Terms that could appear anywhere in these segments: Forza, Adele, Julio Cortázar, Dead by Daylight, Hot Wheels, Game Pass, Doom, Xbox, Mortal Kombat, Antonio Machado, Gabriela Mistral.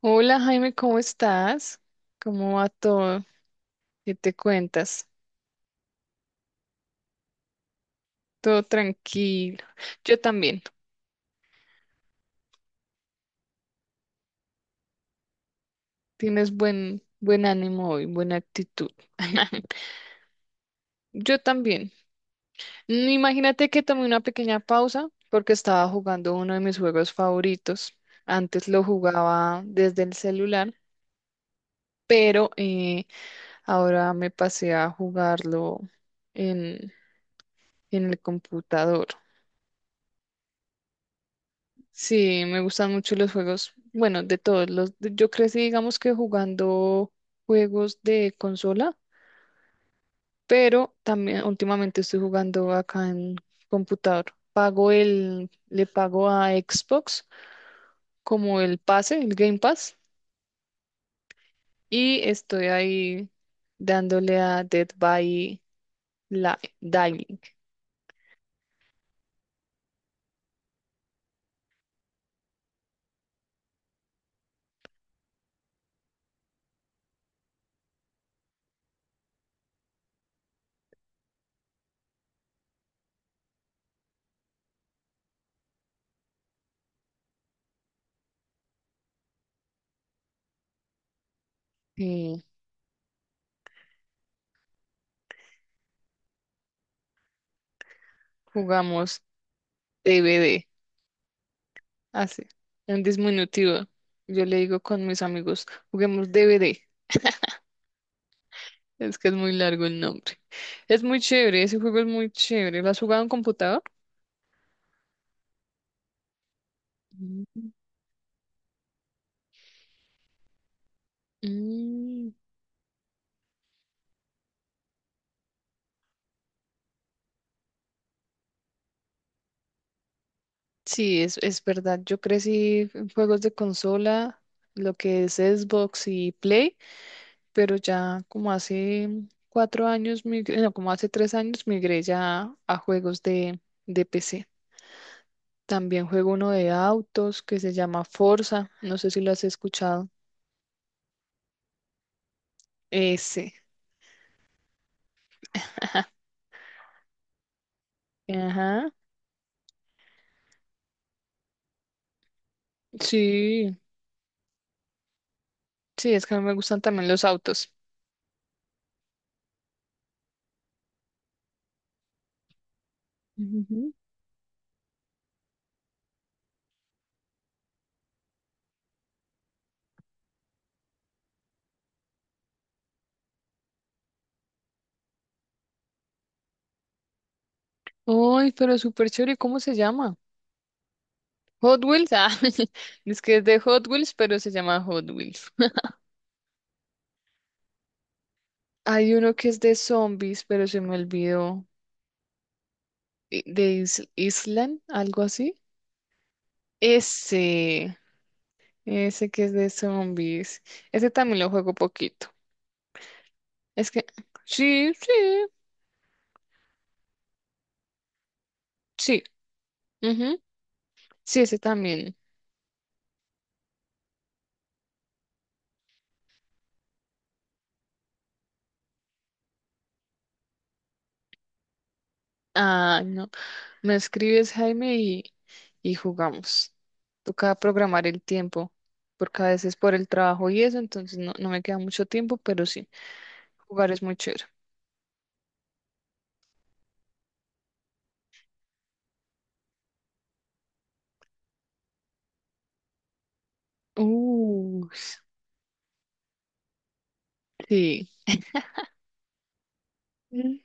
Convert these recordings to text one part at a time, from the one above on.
Hola Jaime, ¿cómo estás? ¿Cómo va todo? ¿Qué te cuentas? Todo tranquilo. Yo también. Tienes buen ánimo hoy, buena actitud. Yo también. Imagínate que tomé una pequeña pausa porque estaba jugando uno de mis juegos favoritos. Antes lo jugaba desde el celular, pero ahora me pasé a jugarlo en, en el computador. Sí, me gustan mucho los juegos, bueno, de todos los, yo crecí, digamos que jugando juegos de consola, pero también últimamente estoy jugando acá en computador. Le pago a Xbox como el pase, el Game Pass, y estoy ahí dándole a Dead by Diving. Y jugamos DVD, así, en disminutivo. Yo le digo con mis amigos, juguemos DVD. Es que es muy largo el nombre. Es muy chévere, ese juego es muy chévere. ¿Lo has jugado en computador? Mm. Mm, sí, es verdad. Yo crecí en juegos de consola, lo que es Xbox y Play, pero ya como hace 4 años, no, como hace 3 años, migré ya a juegos de PC. También juego uno de autos que se llama Forza. No sé si lo has escuchado. Ese. Ajá. Sí. Sí, es que no me gustan también los autos. Ujú. Ay, pero súper chévere, ¿cómo se llama? Hot Wheels, ah, es que es de Hot Wheels, pero se llama Hot Wheels. Hay uno que es de zombies, pero se me olvidó, de Island, algo así. Ese, ese que es de zombies, ese también lo juego poquito. Es que, sí, sí, sí, ujú, sí, ese también. Ah, no. Me escribes, Jaime, y jugamos. Toca programar el tiempo, porque a veces por el trabajo y eso, entonces no me queda mucho tiempo, pero sí, jugar es muy chévere. Uh, sí. Mm.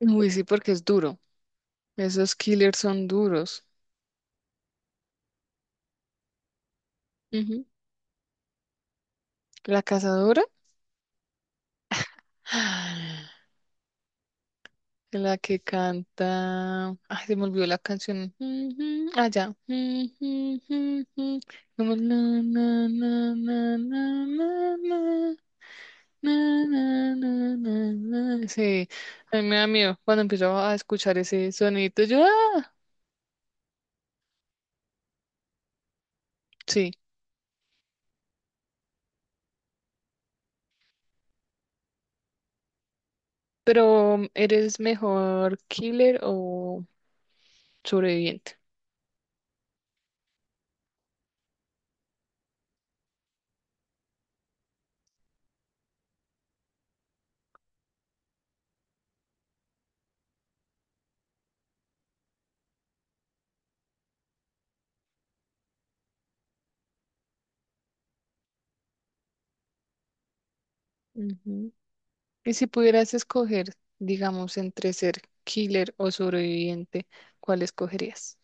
Uy, sí, porque es duro. Esos killers son duros. Ujú. La cazadora. La que canta. Ay, se me olvidó la canción. Ah, ya. Ujú, como na, na, na, na, na, na, na, na, na, na, na, na. Sí, a mí me da miedo cuando empiezo a escuchar ese sonidito. Yo, ah, sí. Pero, ¿eres mejor killer o sobreviviente? Ujú. Y si pudieras escoger, digamos, entre ser killer o sobreviviente, ¿cuál escogerías?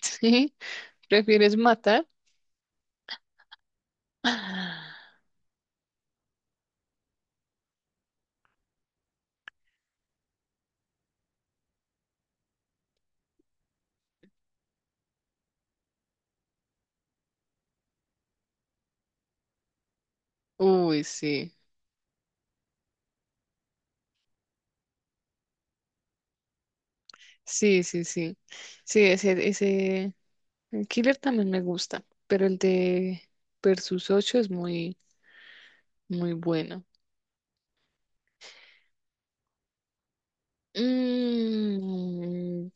Sí, ¿prefieres matar? Ah, uy, sí, sí, sí, sí. Sí, el Killer también me gusta, pero el de Versus 8 es muy, muy bueno. Mm,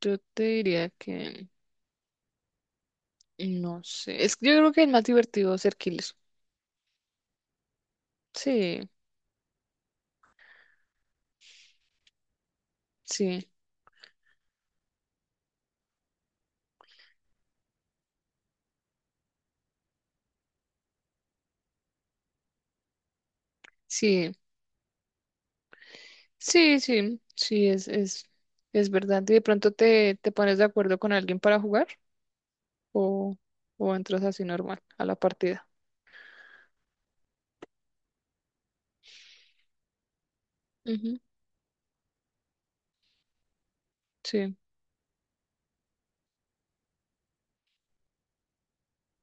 yo te diría que, no sé, es que yo creo que el más divertido es a ser Killer. Sí, sí, sí, sí, sí, sí, es verdad. Y de pronto te pones de acuerdo con alguien para jugar. o, o entras así normal a la partida. Ujú. Sí,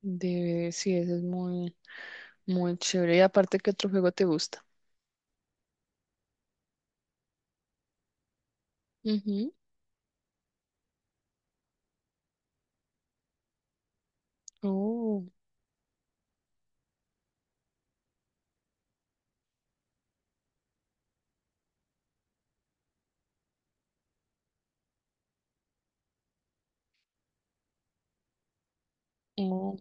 de, sí, eso es muy, muy chévere. Y aparte, ¿qué otro juego te gusta? Ujú. Oh, oh.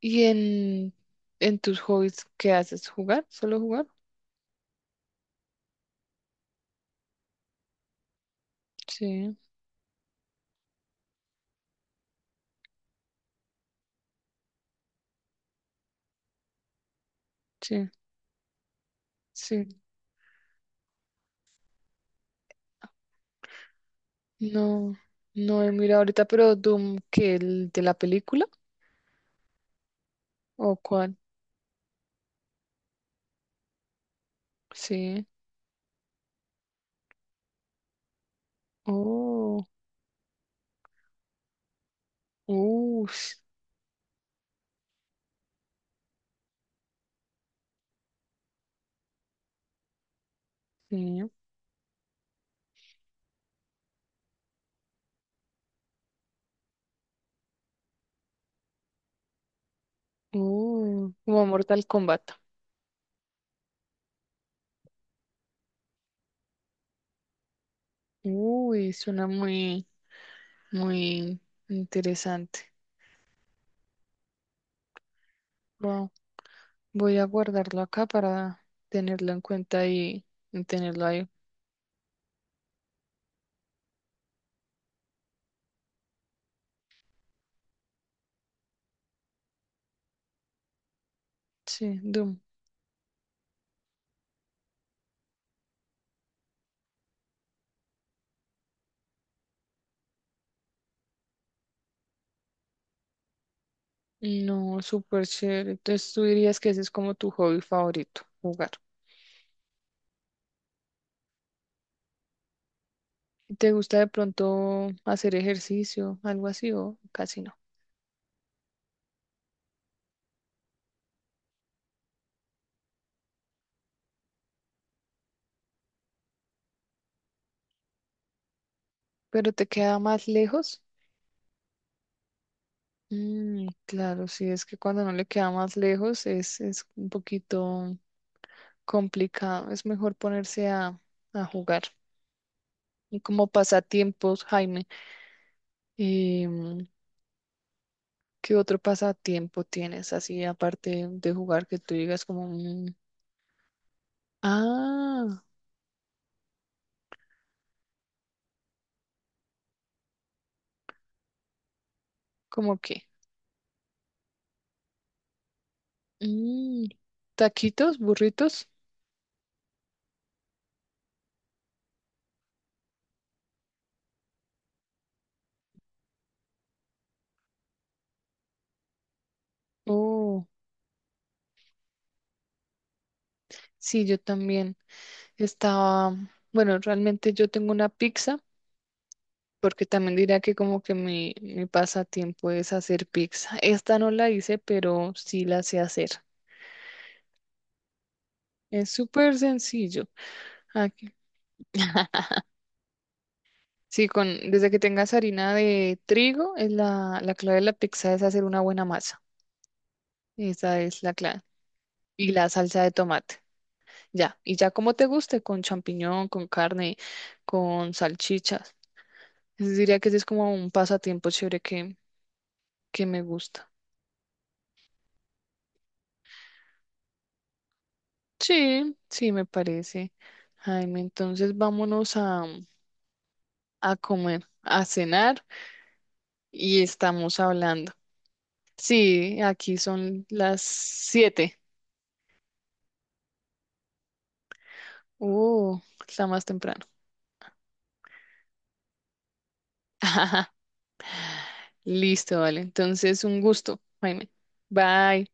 ¿Y en tus hobbies qué haces? ¿Jugar? ¿Solo jugar? Sí, sí, sí. No, no he mirado ahorita, pero Doom, ¿que el de la película? ¿O cuál? Sí. Oh, uh, sí. Como Mortal Kombat. Uy, suena muy, muy interesante. Wow. Voy a guardarlo acá para tenerlo en cuenta y tenerlo ahí. Sí, Doom. No, súper chévere. Entonces tú dirías que ese es como tu hobby favorito, jugar. ¿Y te gusta de pronto hacer ejercicio, algo así o casi no? ¿Pero te queda más lejos? Claro, sí, es que cuando no le queda más lejos es un poquito complicado. Es mejor ponerse a, jugar. Y como pasatiempos, Jaime. Em, ¿Qué otro pasatiempo tienes así aparte de jugar que tú digas como, "Mm, ah, ¿como qué? Mm, Taquitos, burritos. Oh, sí, yo también estaba, bueno, realmente yo tengo una pizza, porque también diría que como que mi pasatiempo es hacer pizza. Esta no la hice, pero sí la sé hacer. Es súper sencillo. Aquí. Sí, desde que tengas harina de trigo, es la clave de la pizza es hacer una buena masa. Esa es la clave. Y la salsa de tomate. Ya, y ya como te guste, con champiñón, con carne, con salchichas. Entonces diría que ese es como un pasatiempo chévere que me gusta. Sí, sí, me parece. Jaime, entonces vámonos a, comer, a cenar y estamos hablando. Sí, aquí son las 7. Uh, Está más temprano. Listo, vale. Entonces, un gusto, Jaime. Bye.